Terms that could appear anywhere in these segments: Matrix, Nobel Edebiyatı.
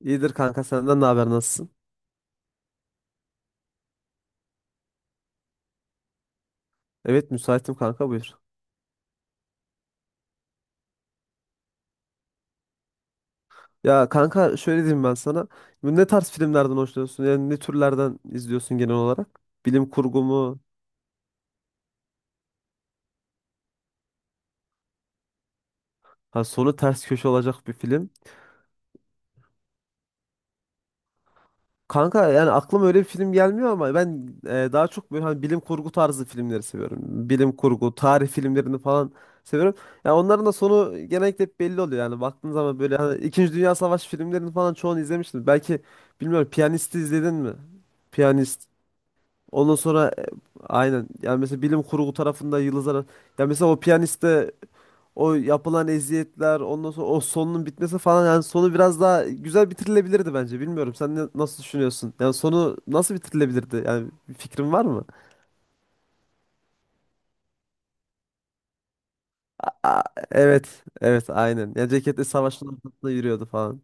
İyidir kanka senden ne haber nasılsın? Evet müsaitim kanka buyur. Ya kanka şöyle diyeyim ben sana. Bu ne tarz filmlerden hoşlanıyorsun? Yani ne türlerden izliyorsun genel olarak? Bilim kurgu mu? Ha, sonu ters köşe olacak bir film. Kanka yani aklıma öyle bir film gelmiyor ama ben daha çok böyle hani bilim kurgu tarzı filmleri seviyorum. Bilim kurgu, tarih filmlerini falan seviyorum. Ya onların da sonu genellikle hep belli oluyor yani baktığın zaman böyle hani İkinci Dünya Savaşı filmlerini falan çoğunu izlemiştim. Belki bilmiyorum Piyanist'i izledin mi? Piyanist. Ondan sonra aynen yani mesela bilim kurgu tarafında yıldızlar, ya mesela o piyaniste o yapılan eziyetler, ondan sonra o sonunun bitmesi falan. Yani sonu biraz daha güzel bitirilebilirdi bence, bilmiyorum sen nasıl düşünüyorsun, yani sonu nasıl bitirilebilirdi, yani bir fikrin var mı? Aa, evet evet, aynen ya, ceketle savaşın ortasında yürüyordu falan.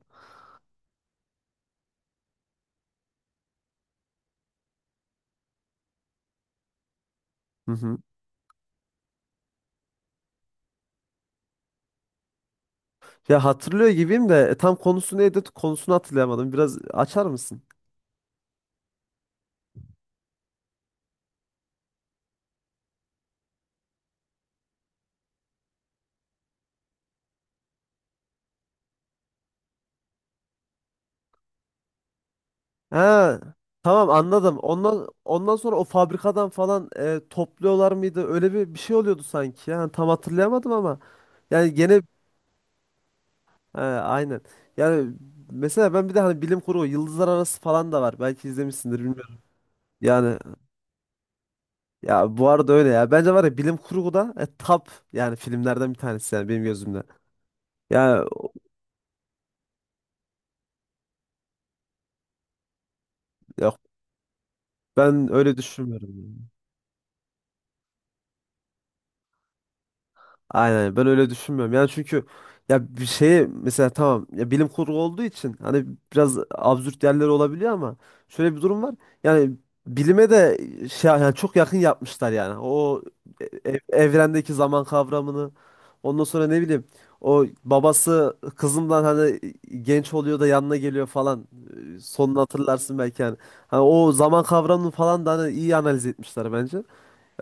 Hı hı. Ya hatırlıyor gibiyim de tam konusu neydi, konusunu hatırlayamadım, biraz açar mısın? Ha, tamam anladım. Ondan sonra o fabrikadan falan topluyorlar mıydı? Öyle bir şey oluyordu sanki. Yani tam hatırlayamadım ama yani gene. Ha, aynen. Yani mesela ben bir de hani bilim kurgu Yıldızlar Arası falan da var. Belki izlemişsindir, bilmiyorum. Yani ya bu arada öyle ya. Bence var ya, bilim kurgu da top yani filmlerden bir tanesi yani benim gözümde. Yani yok, ben öyle düşünmüyorum. Aynen, ben öyle düşünmüyorum. Yani çünkü ya bir şeye mesela, tamam ya bilim kurgu olduğu için hani biraz absürt yerler olabiliyor ama şöyle bir durum var. Yani bilime de şey, yani çok yakın yapmışlar yani. O evrendeki zaman kavramını, ondan sonra ne bileyim, o babası kızından hani genç oluyor da yanına geliyor falan. Sonunu hatırlarsın belki yani. Hani o zaman kavramını falan da hani iyi analiz etmişler bence.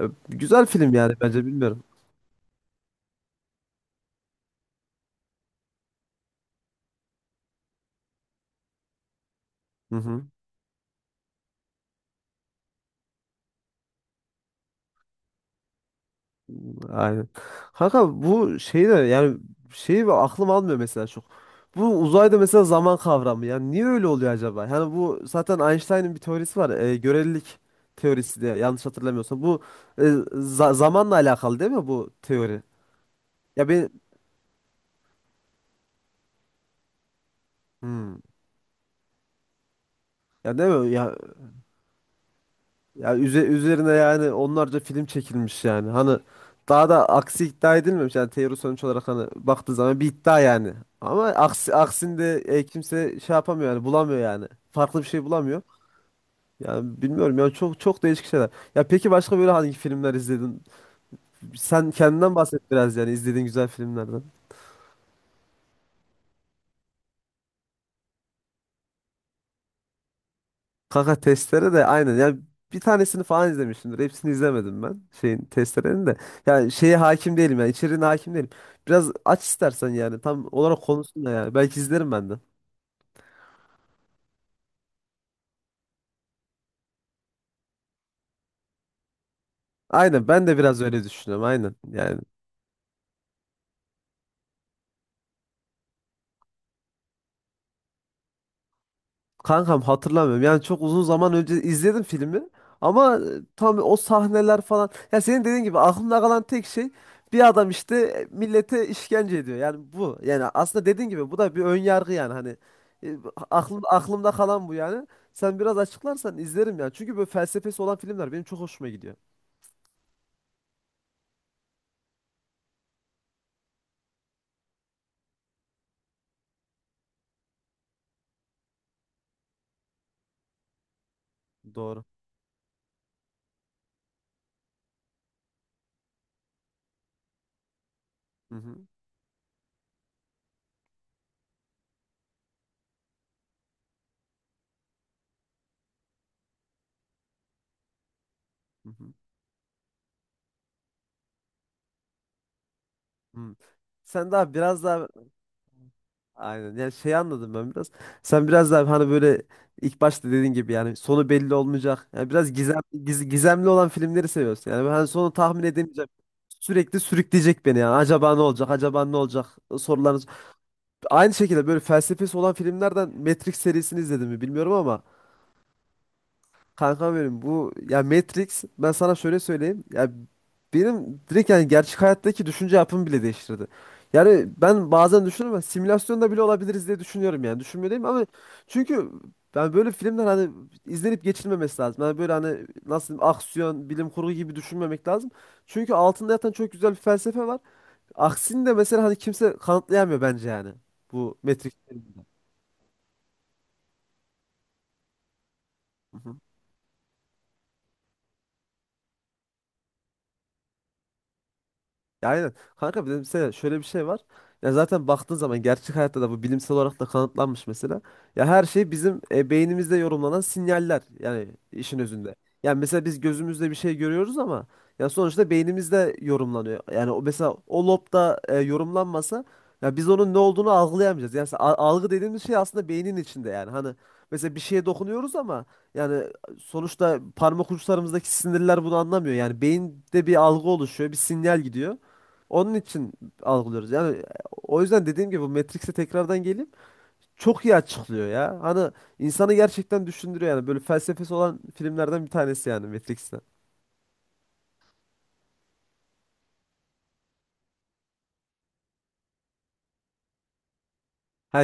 E, Güzel film yani, bence, bilmiyorum. Hı hı. Aynen. Kanka bu şey de yani şeyi ve aklım almıyor mesela çok. Bu uzayda mesela zaman kavramı yani niye öyle oluyor acaba? Yani bu zaten Einstein'ın bir teorisi var. Görelilik teorisi, de yanlış hatırlamıyorsam. Bu e, zamanla alakalı değil mi bu teori? Ya ben, hmm. Ya değil mi? Ya, ya üzerine yani onlarca film çekilmiş yani. Hani daha da aksi iddia edilmemiş. Yani teori sonuç olarak hani baktığı zaman bir iddia yani. Ama aksi, aksinde kimse şey yapamıyor yani, bulamıyor yani. Farklı bir şey bulamıyor. Yani bilmiyorum ya, çok çok değişik şeyler. Ya peki başka böyle hangi filmler izledin? Sen kendinden bahset biraz, yani izlediğin güzel filmlerden. Kaka testere de aynen. Yani bir tanesini falan izlemişimdir. Hepsini izlemedim ben. Şeyin, testerenin de. Yani şeye hakim değilim yani, içeriğine hakim değilim. Biraz aç istersen yani. Tam olarak konusunda yani. Belki izlerim ben de. Aynen, ben de biraz öyle düşünüyorum. Aynen yani. Kankam, hatırlamıyorum. Yani çok uzun zaman önce izledim filmi. Ama tam o sahneler falan. Ya senin dediğin gibi aklımda kalan tek şey, bir adam işte millete işkence ediyor. Yani bu. Yani aslında dediğin gibi bu da bir ön yargı yani hani, e, aklımda kalan bu yani. Sen biraz açıklarsan izlerim yani, çünkü böyle felsefesi olan filmler benim çok hoşuma gidiyor. Doğru. Hı hı. Hı hı. Hı. Sen daha biraz daha. Aynen. Yani şey, anladım ben biraz. Sen biraz daha hani böyle ilk başta dediğin gibi yani sonu belli olmayacak. Yani biraz gizem, gizemli olan filmleri seviyorsun. Yani ben sonu tahmin edemeyeceğim. Sürekli sürükleyecek beni yani. Acaba ne olacak? Acaba ne olacak? Sorularınız. Aynı şekilde böyle felsefesi olan filmlerden Matrix serisini izledim mi bilmiyorum ama. Kanka benim bu ya Matrix, ben sana şöyle söyleyeyim. Ya benim direkt yani gerçek hayattaki düşünce yapımı bile değiştirdi. Yani ben bazen düşünüyorum ama simülasyonda bile olabiliriz diye düşünüyorum yani. Düşünmüyor değilim ama, çünkü ben böyle filmler hani izlenip geçilmemesi lazım. Yani böyle hani nasıl diyeyim, aksiyon, bilim kurgu gibi düşünmemek lazım. Çünkü altında yatan çok güzel bir felsefe var. Aksini de mesela hani kimse kanıtlayamıyor bence yani. Bu Matrix. Ya aynen. Kanka bir de mesela şöyle bir şey var. Ya zaten baktığın zaman gerçek hayatta da bu bilimsel olarak da kanıtlanmış mesela. Ya her şey bizim beynimizde yorumlanan sinyaller yani işin özünde. Yani mesela biz gözümüzle bir şey görüyoruz ama ya sonuçta beynimizde yorumlanıyor. Yani o mesela o lobda yorumlanmasa, ya biz onun ne olduğunu algılayamayacağız. Yani algı dediğimiz şey aslında beynin içinde yani. Hani mesela bir şeye dokunuyoruz ama yani sonuçta parmak uçlarımızdaki sinirler bunu anlamıyor. Yani beyinde bir algı oluşuyor, bir sinyal gidiyor. Onun için algılıyoruz. Yani o yüzden dediğim gibi bu Matrix'e tekrardan gelip çok iyi açıklıyor ya. Hani insanı gerçekten düşündürüyor yani. Böyle felsefesi olan filmlerden bir tanesi yani, Matrix'ten. Ha,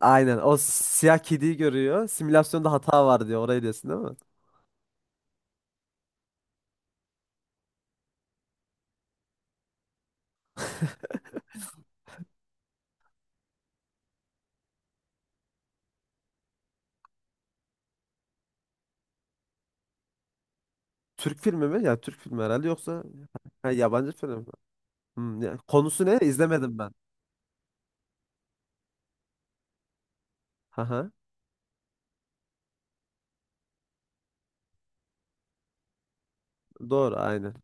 aynen, o siyah kediyi görüyor. Simülasyonda hata var diyor. Orayı diyorsun değil mi? Türk filmi mi? Ya Türk filmi herhalde, yoksa ha, yabancı film mi? Hmm, konusu ne? İzlemedim ben. Haha. Doğru, aynen.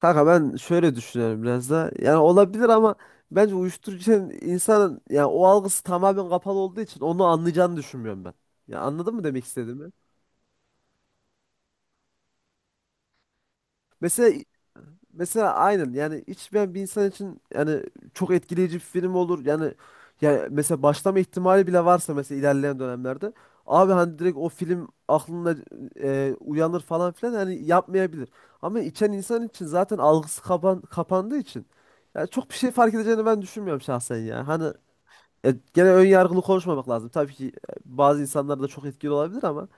Kanka ben şöyle düşünüyorum biraz da. Yani olabilir ama bence uyuşturucunun insanın yani o algısı tamamen kapalı olduğu için onu anlayacağını düşünmüyorum ben. Ya anladın mı demek istediğimi? Mesela Mesela aynen yani hiç, ben bir insan için yani çok etkileyici bir film olur. Yani ya mesela başlama ihtimali bile varsa mesela ilerleyen dönemlerde, abi hani direkt o film aklında uyanır falan filan, hani yapmayabilir. Ama içen insan için zaten algısı kapandığı için yani çok bir şey fark edeceğini ben düşünmüyorum şahsen ya. Hani gene ön yargılı konuşmamak lazım. Tabii ki bazı insanlar da çok etkili olabilir ama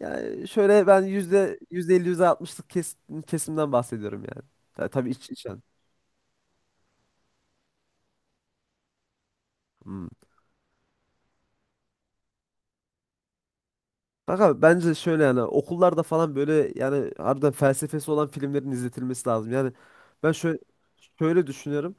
yani şöyle, ben yüzde elli, yüzde altmışlık kesimden bahsediyorum yani. Tabii içen. Hmm. Bak abi bence şöyle, yani okullarda falan böyle yani harbiden felsefesi olan filmlerin izletilmesi lazım. Yani ben şöyle düşünüyorum.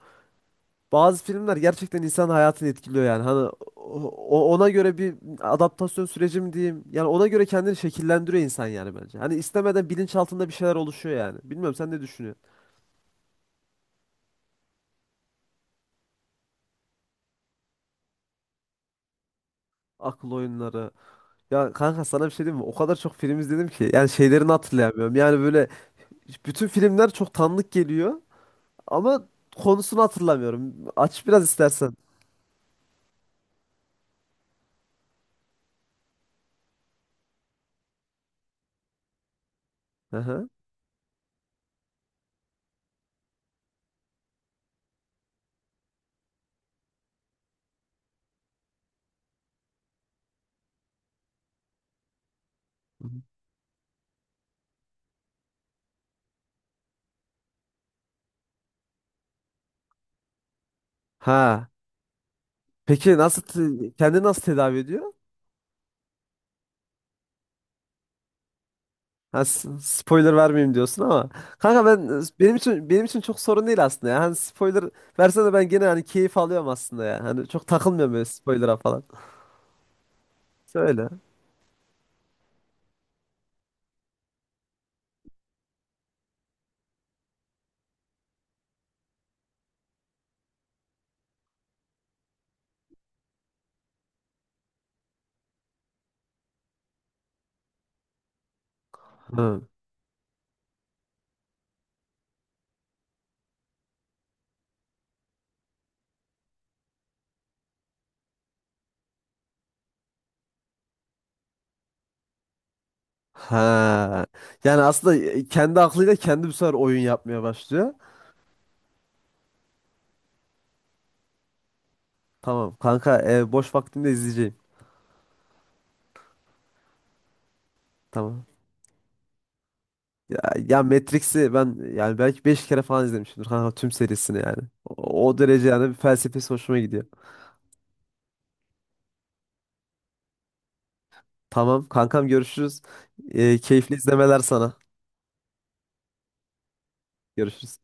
Bazı filmler gerçekten insanın hayatını etkiliyor yani. Hani ona göre bir adaptasyon süreci mi diyeyim? Yani ona göre kendini şekillendiriyor insan yani bence. Hani istemeden bilinçaltında bir şeyler oluşuyor yani. Bilmiyorum sen ne düşünüyorsun? Akıl oyunları. Ya kanka sana bir şey diyeyim mi? O kadar çok film izledim ki. Yani şeylerini hatırlayamıyorum. Yani böyle bütün filmler çok tanıdık geliyor. Ama konusunu hatırlamıyorum. Aç biraz istersen. Hı hı. Ha. Peki nasıl kendini nasıl tedavi ediyor? Ha, spoiler vermeyeyim diyorsun ama, kanka ben, benim için çok sorun değil aslında ya. Hani spoiler versen de ben gene hani keyif alıyorum aslında ya. Hani çok takılmıyorum böyle spoiler'a falan. Söyle. Hı. Ha. Yani aslında kendi aklıyla kendi bu sefer oyun yapmaya başlıyor. Tamam kanka, boş vaktimde izleyeceğim. Tamam. Ya, ya, Matrix'i ben yani belki 5 kere falan izlemişimdir kanka, tüm serisini yani. O derece yani, bir felsefesi hoşuma gidiyor. Tamam kankam, görüşürüz. Keyifli izlemeler sana. Görüşürüz.